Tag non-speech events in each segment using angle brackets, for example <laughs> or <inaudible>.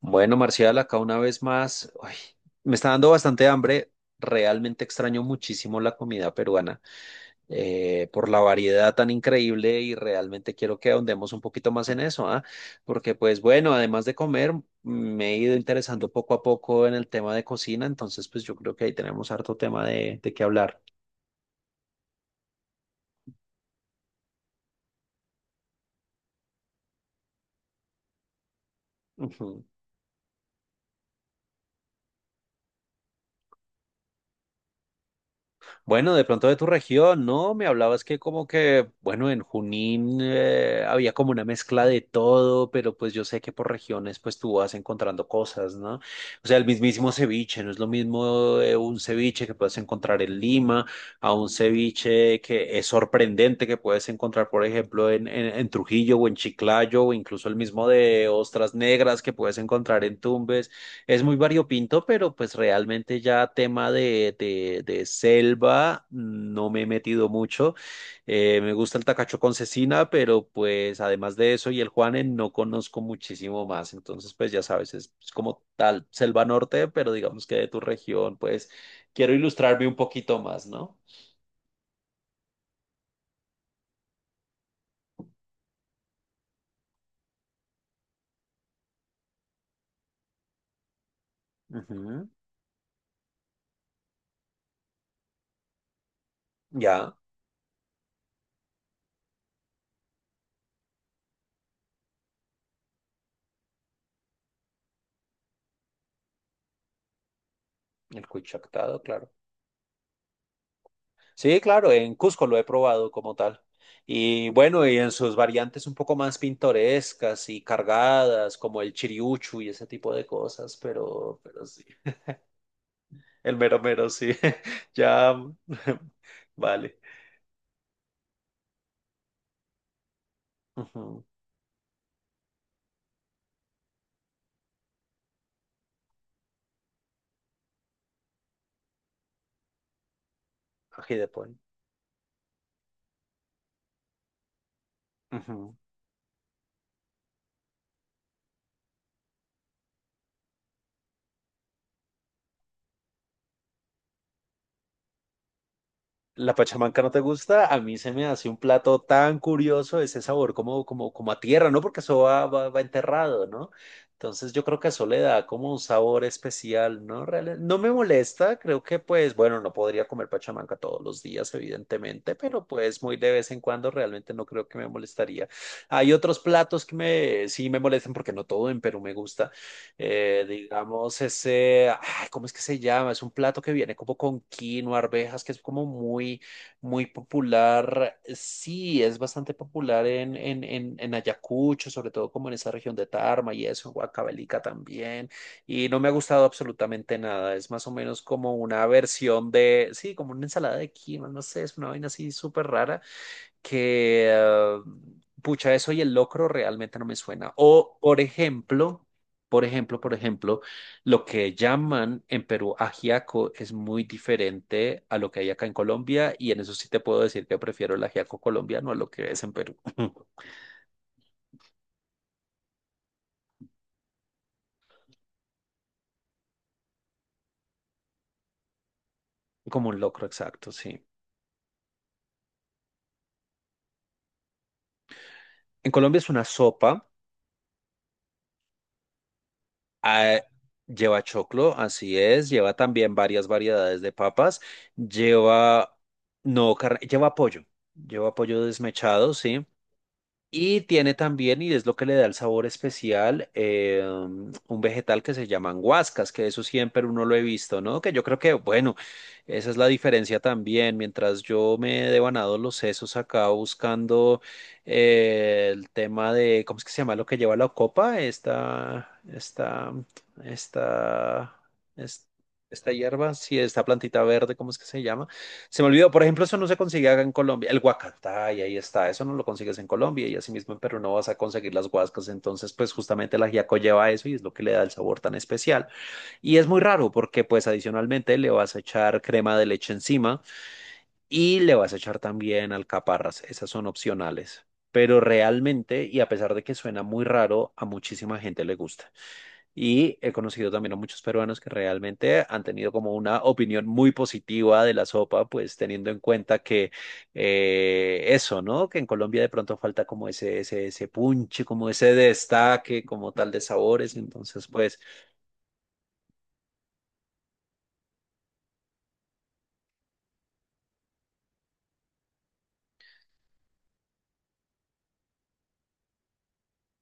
Bueno, Marcial, acá una vez más, me está dando bastante hambre. Realmente extraño muchísimo la comida peruana por la variedad tan increíble y realmente quiero que ahondemos un poquito más en eso, ¿ah? Porque pues bueno, además de comer, me he ido interesando poco a poco en el tema de cocina, entonces pues yo creo que ahí tenemos harto tema de qué hablar. Ujú. Bueno, de pronto de tu región, ¿no? Me hablabas que como que, bueno, en Junín había como una mezcla de todo, pero pues yo sé que por regiones pues tú vas encontrando cosas, ¿no? O sea, el mismísimo ceviche, no es lo mismo un ceviche que puedes encontrar en Lima a un ceviche que es sorprendente que puedes encontrar, por ejemplo, en Trujillo o en Chiclayo o incluso el mismo de ostras negras que puedes encontrar en Tumbes. Es muy variopinto, pero pues realmente ya tema de selva no me he metido mucho. Me gusta el tacacho con cecina, pero pues además de eso y el Juane no conozco muchísimo más. Entonces pues ya sabes, es como tal selva norte, pero digamos que de tu región, pues quiero ilustrarme un poquito más, ¿no? Ujú. Ya, el cuy chactado, claro. Sí, claro, en Cusco lo he probado como tal. Y bueno, y en sus variantes un poco más pintorescas y cargadas, como el chiriuchu y ese tipo de cosas, pero sí, el mero mero, sí, <laughs> ya, <laughs> vale. Ujú. Ají de pollo. Ujú. La pachamanca no te gusta, a mí se me hace un plato tan curioso ese sabor como a tierra, ¿no? Porque eso va enterrado, ¿no? Entonces yo creo que eso le da como un sabor especial, ¿no? Real- no me molesta, creo que pues, bueno, no podría comer pachamanca todos los días, evidentemente, pero pues muy de vez en cuando realmente no creo que me molestaría. Hay otros platos que sí me molestan porque no todo en Perú me gusta. Digamos, ese, ay, ¿cómo es que se llama? Es un plato que viene como con quinoa, arvejas, que es como muy popular. Sí, es bastante popular en Ayacucho, sobre todo como en esa región de Tarma y eso, en Huancavelica también. Y no me ha gustado absolutamente nada. Es más o menos como una versión de, sí, como una ensalada de quinoa, no sé, es una vaina así súper rara que, pucha, eso y el locro realmente no me suena. O, por ejemplo, por ejemplo, por ejemplo, lo que llaman en Perú ajiaco es muy diferente a lo que hay acá en Colombia y en eso sí te puedo decir que prefiero el ajiaco colombiano a lo que es en Perú. <laughs> Como un locro, exacto, sí. En Colombia es una sopa, ah, lleva choclo, así es, lleva también varias variedades de papas, lleva, no, carne, lleva pollo desmechado, sí. Y tiene también, y es lo que le da el sabor especial, un vegetal que se llaman guascas, que eso siempre uno lo he visto, ¿no? Que yo creo que, bueno, esa es la diferencia también. Mientras yo me he devanado los sesos acá buscando el tema de, ¿cómo es que se llama lo que lleva la copa? Esta, es- esta hierba, sí, esta plantita verde, ¿cómo es que se llama? Se me olvidó, por ejemplo, eso no se consigue acá en Colombia. El guacatay, ahí está, eso no lo consigues en Colombia y así mismo en Perú no vas a conseguir las guascas. Entonces, pues justamente el ajiaco lleva eso y es lo que le da el sabor tan especial. Y es muy raro porque pues adicionalmente le vas a echar crema de leche encima y le vas a echar también alcaparras, esas son opcionales. Pero realmente, y a pesar de que suena muy raro, a muchísima gente le gusta. Y he conocido también a muchos peruanos que realmente han tenido como una opinión muy positiva de la sopa, pues teniendo en cuenta que eso, ¿no? Que en Colombia de pronto falta como ese punche, como ese destaque, como tal de sabores. Entonces, pues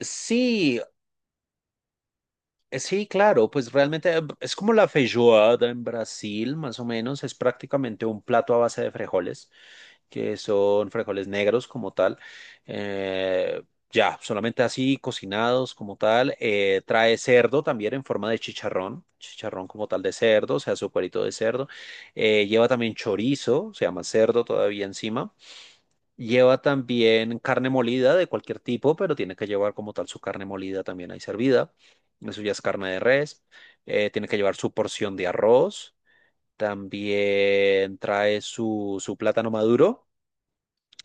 sí. Sí, claro, pues realmente es como la feijoada en Brasil, más o menos, es prácticamente un plato a base de frijoles, que son frijoles negros como tal, eh, ya, solamente así cocinados como tal, trae cerdo también en forma de chicharrón, chicharrón como tal de cerdo, o sea, su cuerito de cerdo, lleva también chorizo, se llama cerdo todavía encima. Lleva también carne molida de cualquier tipo, pero tiene que llevar como tal su carne molida también ahí servida. Eso ya es carne de res. Tiene que llevar su porción de arroz. También trae su plátano maduro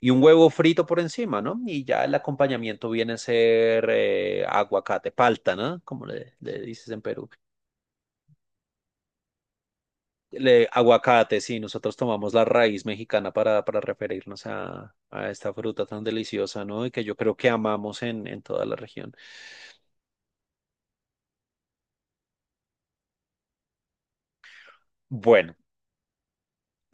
y un huevo frito por encima, ¿no? Y ya el acompañamiento viene a ser aguacate, palta, ¿no? Como le dices en Perú. Le- aguacate, sí, nosotros tomamos la raíz mexicana para referirnos a esta fruta tan deliciosa, ¿no? Y que yo creo que amamos en toda la región. Bueno,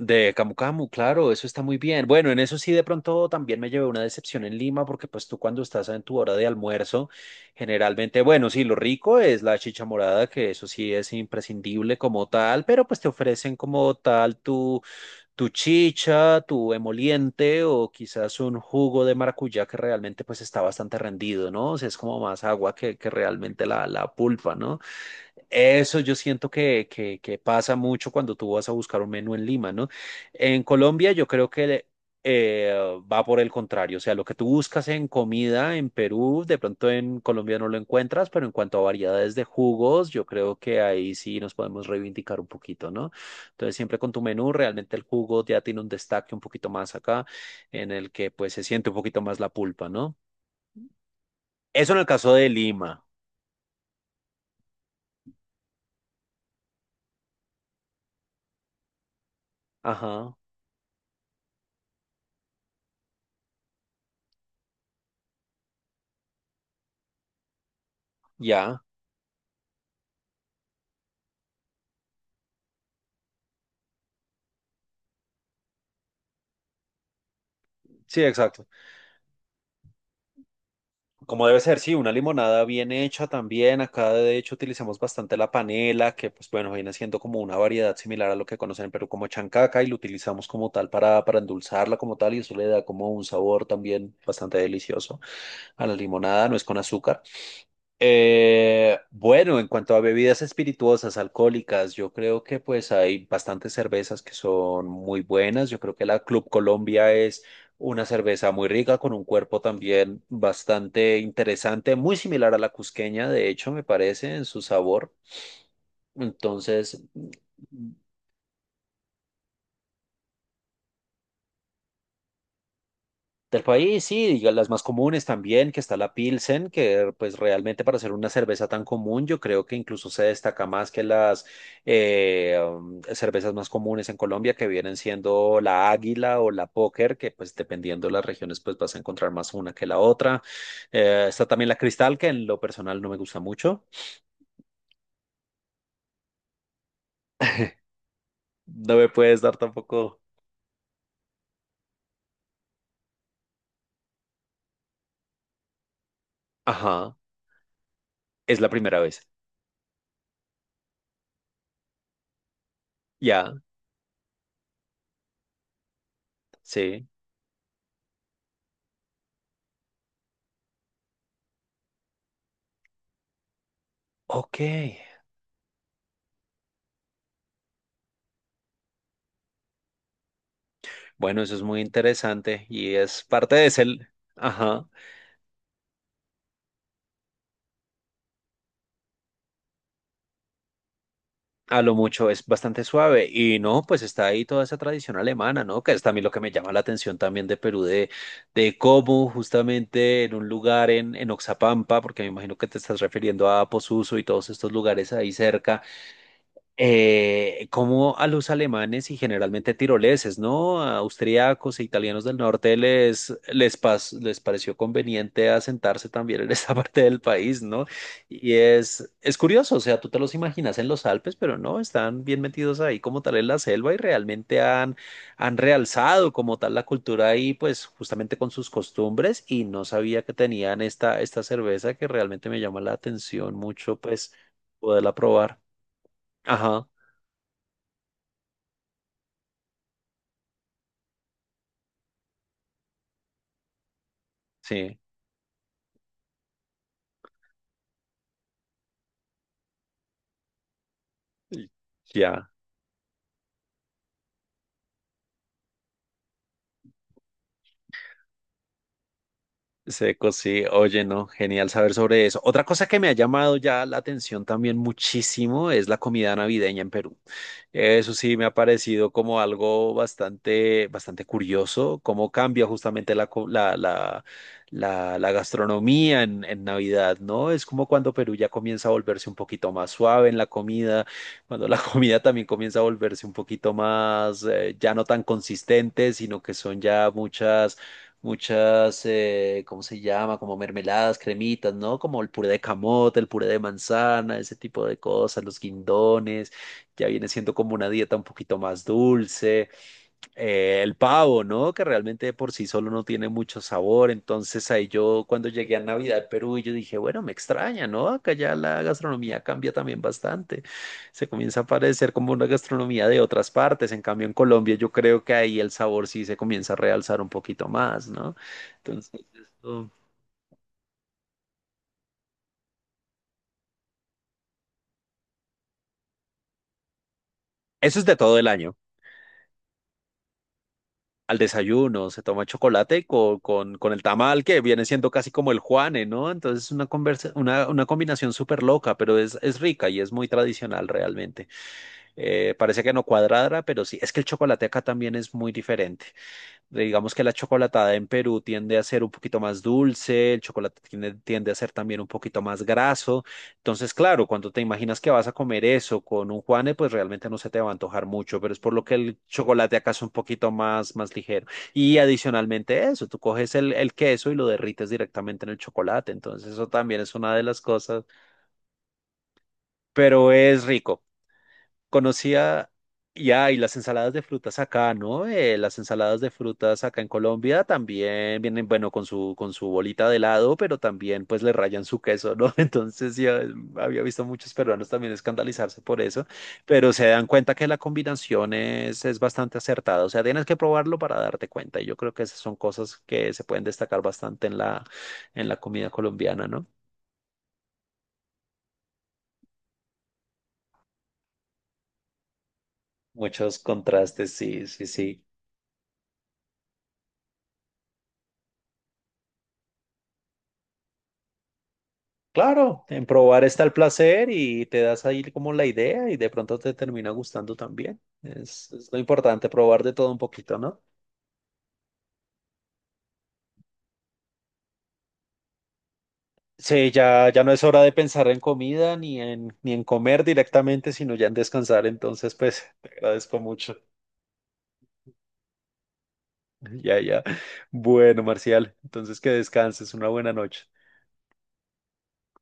de Camu Camu, claro, eso está muy bien. Bueno, en eso sí, de pronto también me llevé una decepción en Lima, porque pues tú cuando estás en tu hora de almuerzo, generalmente, bueno, sí, lo rico es la chicha morada, que eso sí es imprescindible como tal, pero pues te ofrecen como tal tu chicha, tu emoliente o quizás un jugo de maracuyá que realmente pues está bastante rendido, ¿no? O sea, es como más agua que realmente la pulpa, ¿no? Eso yo siento que pasa mucho cuando tú vas a buscar un menú en Lima, ¿no? En Colombia yo creo que eh, va por el contrario, o sea, lo que tú buscas en comida en Perú, de pronto en Colombia no lo encuentras, pero en cuanto a variedades de jugos, yo creo que ahí sí nos podemos reivindicar un poquito, ¿no? Entonces siempre con tu menú, realmente el jugo ya tiene un destaque un poquito más acá, en el que pues se siente un poquito más la pulpa, ¿no? Eso en el caso de Lima. Ajá, ya. Sí, exacto. Como debe ser, sí, una limonada bien hecha también. Acá de hecho utilizamos bastante la panela, que pues bueno, viene siendo como una variedad similar a lo que conocen en Perú como chancaca y lo utilizamos como tal para endulzarla como tal y eso le da como un sabor también bastante delicioso a la limonada, no es con azúcar. Bueno, en cuanto a bebidas espirituosas, alcohólicas, yo creo que pues hay bastantes cervezas que son muy buenas. Yo creo que la Club Colombia es una cerveza muy rica, con un cuerpo también bastante interesante, muy similar a la cusqueña, de hecho, me parece, en su sabor. Entonces, del país, sí, diga, las más comunes también, que está la Pilsen, que pues realmente para hacer una cerveza tan común, yo creo que incluso se destaca más que las cervezas más comunes en Colombia, que vienen siendo la Águila o la Póker, que pues dependiendo de las regiones pues vas a encontrar más una que la otra. Está también la Cristal, que en lo personal no me gusta mucho. No me puedes dar tampoco. Ajá, es la primera vez. Ya, sí. Ok. Bueno, eso es muy interesante y es parte de ese, ajá, a lo mucho es bastante suave y no, pues está ahí toda esa tradición alemana, ¿no? Que es también lo que me llama la atención también de Perú, de cómo justamente en un lugar en Oxapampa, porque me imagino que te estás refiriendo a Posuso y todos estos lugares ahí cerca, como a los alemanes y generalmente tiroleses, ¿no? A austriacos e italianos del norte les pareció conveniente asentarse también en esa <laughs> parte del país, ¿no? Y es curioso, o sea, tú te los imaginas en los Alpes, pero no, están bien metidos ahí como tal en la selva y realmente han realzado como tal la cultura ahí, pues justamente con sus costumbres y no sabía que tenían esta cerveza que realmente me llama la atención mucho, pues poderla probar. Ajá. Sí, ya, seco, sí. Oye, no, genial saber sobre eso. Otra cosa que me ha llamado ya la atención también muchísimo es la comida navideña en Perú. Eso sí me ha parecido como algo bastante, bastante curioso, cómo cambia justamente la, co- la gastronomía en Navidad, ¿no? Es como cuando Perú ya comienza a volverse un poquito más suave en la comida, cuando la <laughs> comida también comienza a volverse un poquito más, ya no tan consistente, sino que son ya ¿cómo se llama? Como mermeladas, cremitas, ¿no? Como el puré de camote, el puré de manzana, ese tipo de cosas, los guindones, ya viene siendo como una dieta un poquito más dulce el pavo, ¿no? Que realmente por sí solo no tiene mucho sabor. Entonces ahí yo cuando llegué a Navidad, Perú, yo dije, bueno, me extraña, ¿no? Acá ya la gastronomía cambia también bastante. Se comienza a parecer como una gastronomía de otras partes. En cambio, en Colombia yo creo que ahí el sabor sí se comienza a realzar un poquito más, ¿no? Entonces, esto- eso es de todo el año. Al desayuno, se toma chocolate con el tamal, que viene siendo casi como el Juane, ¿no? Entonces es una combinación súper loca, pero es rica y es muy tradicional realmente. Parece que no cuadrada, pero sí, es que el chocolate acá también es muy diferente. Digamos que la chocolatada en Perú tiende a ser un poquito más dulce, el chocolate tiende a ser también un poquito más graso. Entonces, claro, cuando te imaginas que vas a comer eso con un Juane, pues realmente no se te va a antojar mucho, pero es por lo que el chocolate acá es un poquito más, más ligero. Y adicionalmente eso, tú coges el queso y lo derrites directamente en el chocolate. Entonces, eso también es una de las cosas, pero es rico. Conocía, ya, y las ensaladas de frutas acá, ¿no? Las ensaladas de frutas acá en Colombia también vienen, bueno, con su bolita de helado, pero también pues le rayan su queso, ¿no? <laughs> Entonces ya había visto muchos peruanos también escandalizarse por eso, pero se dan cuenta que la combinación es bastante acertada, o sea, tienes que probarlo para darte cuenta, y yo creo que esas son cosas que se pueden destacar bastante en en la comida colombiana, ¿no? Muchos contrastes, sí, sí, sí. Claro, en probar está el placer y te das ahí como la idea y de pronto te termina gustando también. Es lo importante, probar de todo un poquito, ¿no? Sí, ya, ya no es hora de pensar en comida ni en comer directamente, sino ya en descansar. Entonces, pues, te agradezco mucho. <laughs> Ya, ya. Bueno, Marcial, entonces que descanses. Una buena noche.